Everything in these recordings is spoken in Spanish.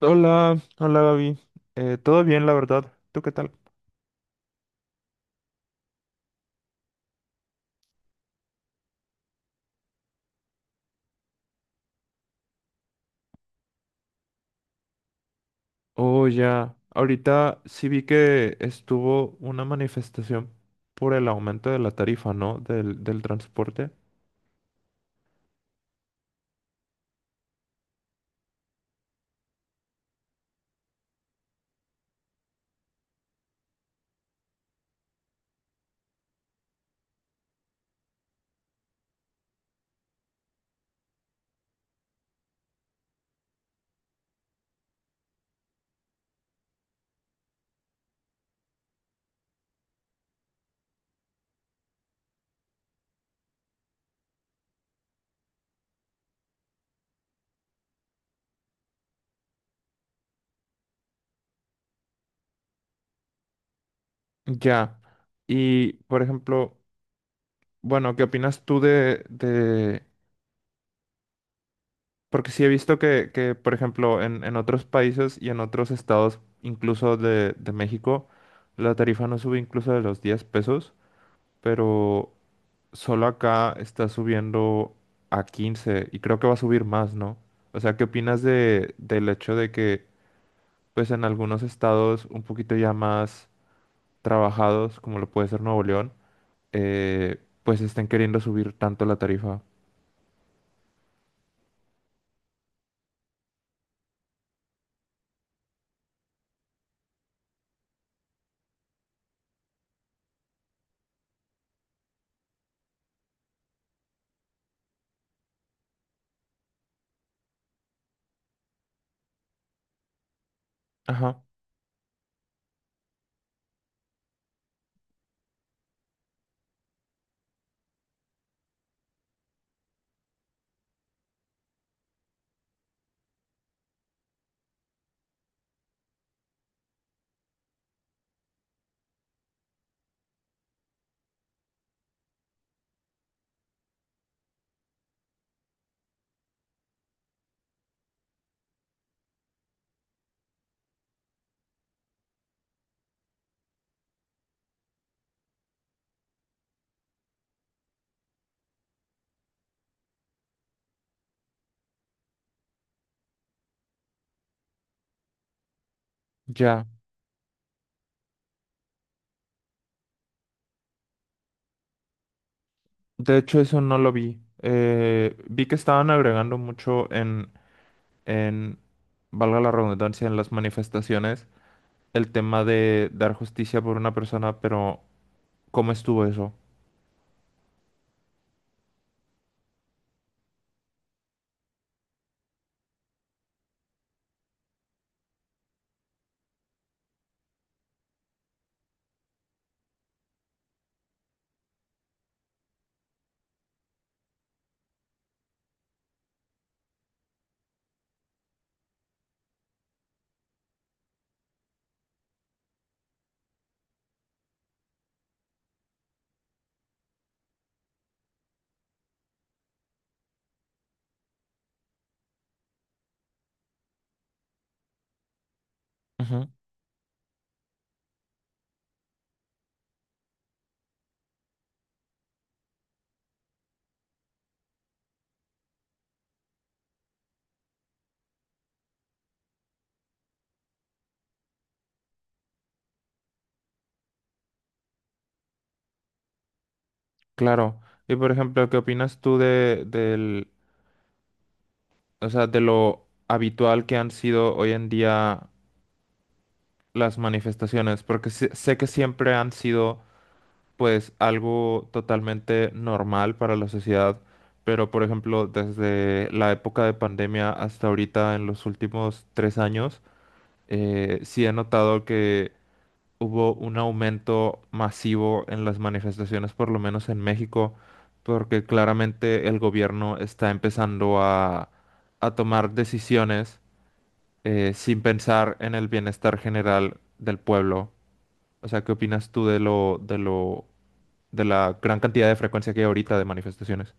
Hola, hola Gaby. Todo bien, la verdad. ¿Tú qué tal? Oh, ya. Ahorita sí vi que estuvo una manifestación por el aumento de la tarifa, ¿no? Del transporte. Ya. Y, por ejemplo, bueno, ¿qué opinas tú de... Porque sí he visto que, por ejemplo, en otros países y en otros estados, incluso de México, la tarifa no sube incluso de los 10 pesos, pero... Solo acá está subiendo a 15 y creo que va a subir más, ¿no? O sea, ¿qué opinas de, del hecho de que, pues en algunos estados un poquito ya más trabajados, como lo puede ser Nuevo León, pues estén queriendo subir tanto la tarifa? Ajá, ya. De hecho, eso no lo vi. Vi que estaban agregando mucho en, valga la redundancia, en las manifestaciones, el tema de dar justicia por una persona, pero ¿cómo estuvo eso? Claro. Y por ejemplo, ¿qué opinas tú de, del, o sea, de lo habitual que han sido hoy en día las manifestaciones? Porque sé que siempre han sido, pues, algo totalmente normal para la sociedad, pero por ejemplo, desde la época de pandemia hasta ahorita, en los últimos 3 años, sí he notado que hubo un aumento masivo en las manifestaciones, por lo menos en México, porque claramente el gobierno está empezando a tomar decisiones sin pensar en el bienestar general del pueblo. O sea, ¿qué opinas tú de la gran cantidad de frecuencia que hay ahorita de manifestaciones?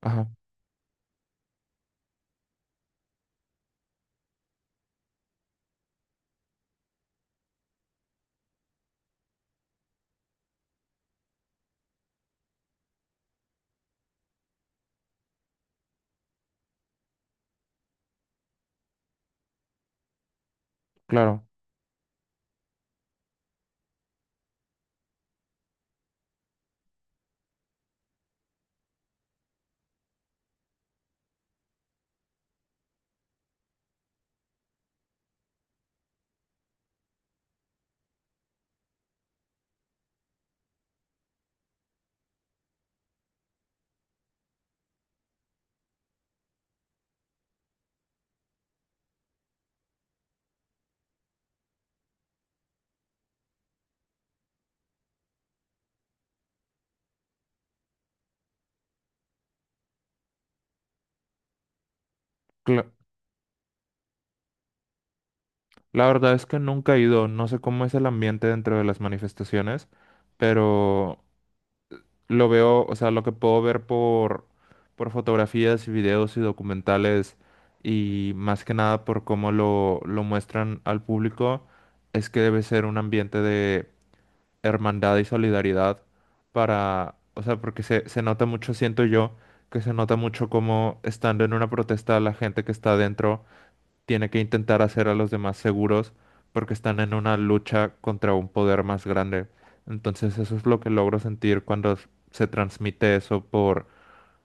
Ajá, claro. cla- la verdad es que nunca he ido, no sé cómo es el ambiente dentro de las manifestaciones, pero lo veo, o sea, lo que puedo ver por fotografías y videos y documentales y más que nada por cómo lo muestran al público, es que debe ser un ambiente de hermandad y solidaridad para, o sea, porque se nota mucho, siento yo, que se nota mucho cómo estando en una protesta la gente que está adentro tiene que intentar hacer a los demás seguros porque están en una lucha contra un poder más grande. Entonces eso es lo que logro sentir cuando se transmite eso por,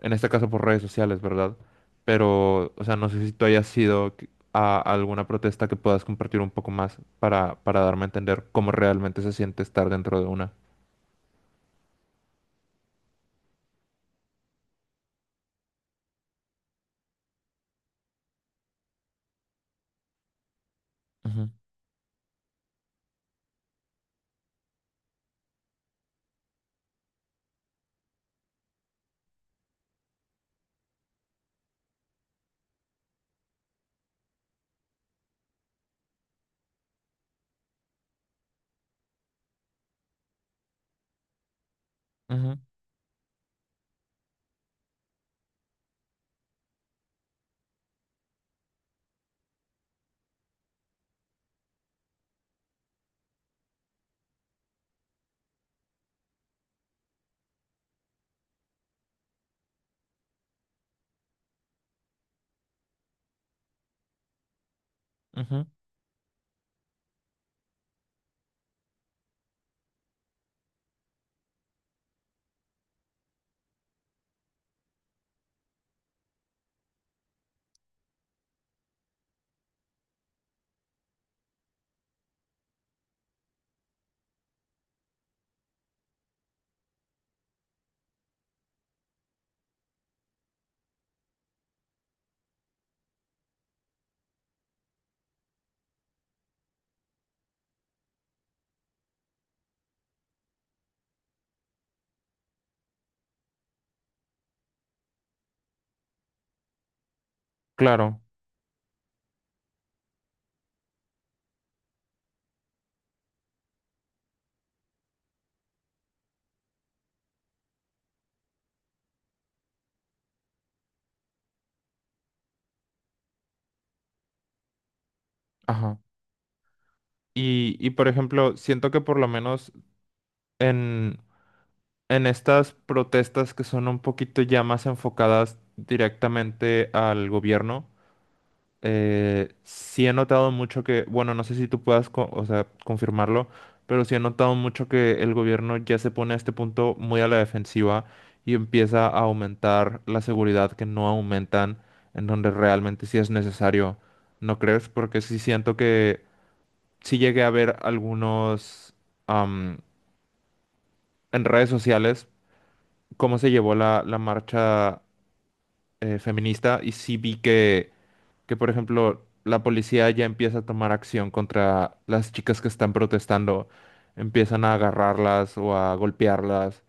en este caso por redes sociales, ¿verdad? Pero, o sea, no sé si tú hayas sido a alguna protesta que puedas compartir un poco más para darme a entender cómo realmente se siente estar dentro de una. Ujú, ujú, ujú. Claro, ajá. Y por ejemplo, siento que por lo menos en en estas protestas que son un poquito ya más enfocadas directamente al gobierno, sí he notado mucho que, bueno, no sé si tú puedas, o sea, confirmarlo, pero sí he notado mucho que el gobierno ya se pone a este punto muy a la defensiva y empieza a aumentar la seguridad que no aumentan en donde realmente sí es necesario, ¿no crees? Porque sí siento que sí llegué a ver algunos... am, en redes sociales cómo se llevó la marcha feminista y sí vi que, por ejemplo, la policía ya empieza a tomar acción contra las chicas que están protestando, empiezan a agarrarlas o a golpearlas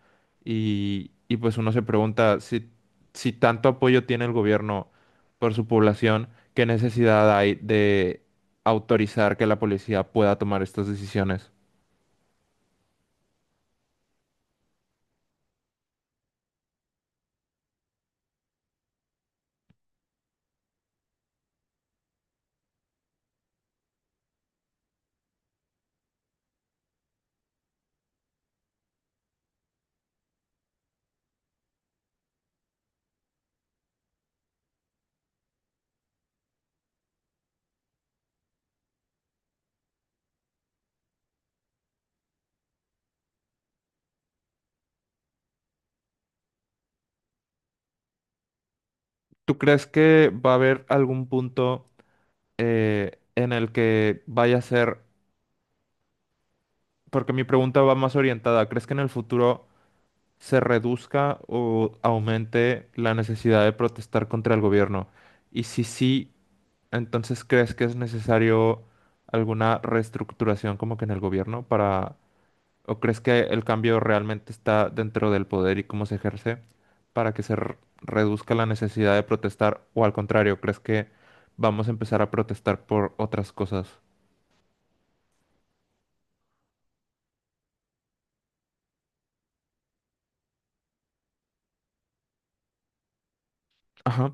y pues uno se pregunta si, si tanto apoyo tiene el gobierno por su población, ¿qué necesidad hay de autorizar que la policía pueda tomar estas decisiones? ¿Tú crees que va a haber algún punto? En el que vaya a ser, porque mi pregunta va más orientada, ¿crees que en el futuro se reduzca o aumente la necesidad de protestar contra el gobierno? Y si sí, entonces ¿crees que es necesario alguna reestructuración como que en el gobierno para, o crees que el cambio realmente está dentro del poder y cómo se ejerce para que se reduzca la necesidad de protestar o al contrario, ¿crees que vamos a empezar a protestar por otras cosas? Ajá.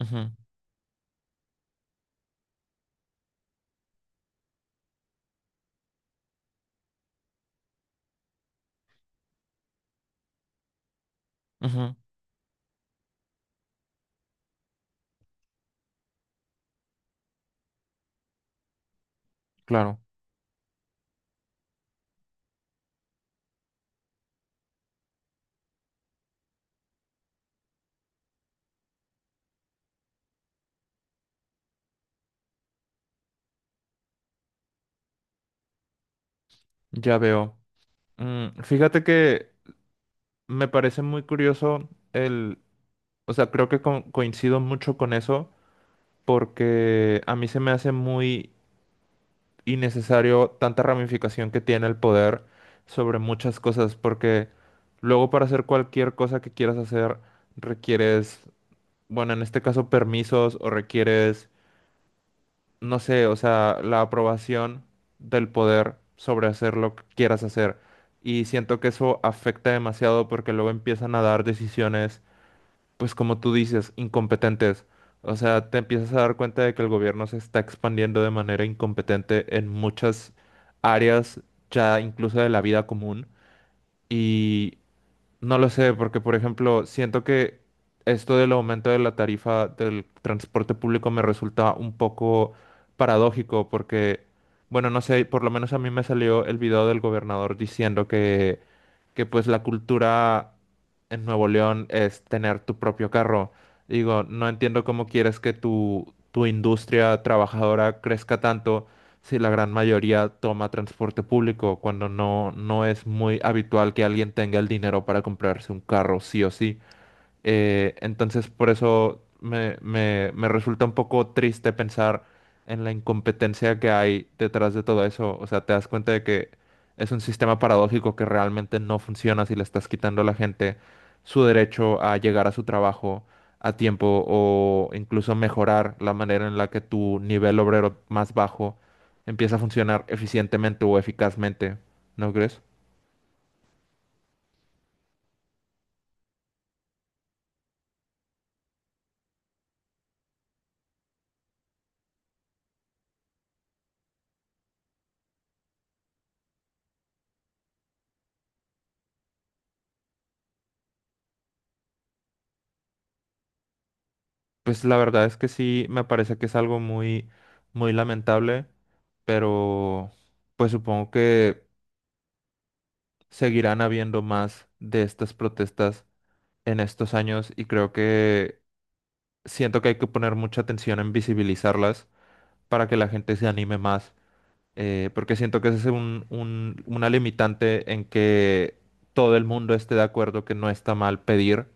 Ujú. Ujú, claro, ya veo. Mm, fíjate que me parece muy curioso el, o sea, creo que coincido mucho con eso porque a mí se me hace muy innecesario tanta ramificación que tiene el poder sobre muchas cosas porque luego para hacer cualquier cosa que quieras hacer requieres, bueno, en este caso permisos o requieres no sé, o sea, la aprobación del poder sobre hacer lo que quieras hacer. Y siento que eso afecta demasiado porque luego empiezan a dar decisiones, pues como tú dices, incompetentes. O sea, te empiezas a dar cuenta de que el gobierno se está expandiendo de manera incompetente en muchas áreas, ya incluso de la vida común. Y no lo sé, porque por ejemplo, siento que esto del aumento de la tarifa del transporte público me resulta un poco paradójico, porque, bueno, no sé, por lo menos a mí me salió el video del gobernador diciendo que pues la cultura en Nuevo León es tener tu propio carro. Digo, no entiendo cómo quieres que tu industria trabajadora crezca tanto si la gran mayoría toma transporte público, cuando no es muy habitual que alguien tenga el dinero para comprarse un carro sí o sí. Entonces, por eso me resulta un poco triste pensar en la incompetencia que hay detrás de todo eso. O sea, te das cuenta de que es un sistema paradójico que realmente no funciona si le estás quitando a la gente su derecho a llegar a su trabajo a tiempo o incluso mejorar la manera en la que tu nivel obrero más bajo empieza a funcionar eficientemente o eficazmente. ¿No crees? Pues la verdad es que sí, me parece que es algo muy lamentable, pero pues supongo que seguirán habiendo más de estas protestas en estos años y creo que siento que hay que poner mucha atención en visibilizarlas para que la gente se anime más, porque siento que ese es una limitante en que todo el mundo esté de acuerdo que no está mal pedir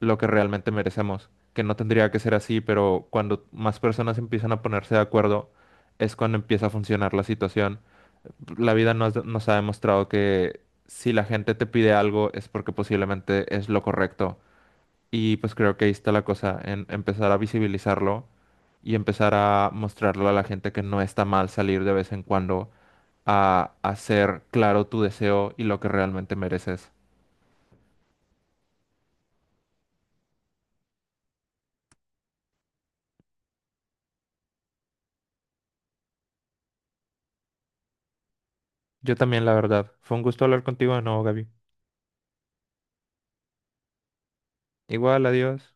lo que realmente merecemos, que no tendría que ser así, pero cuando más personas empiezan a ponerse de acuerdo, es cuando empieza a funcionar la situación. La vida nos ha demostrado que si la gente te pide algo es porque posiblemente es lo correcto. Y pues creo que ahí está la cosa, en empezar a visibilizarlo y empezar a mostrarle a la gente que no está mal salir de vez en cuando a hacer claro tu deseo y lo que realmente mereces. Yo también, la verdad. Fue un gusto hablar contigo de nuevo, Gaby. Igual, adiós.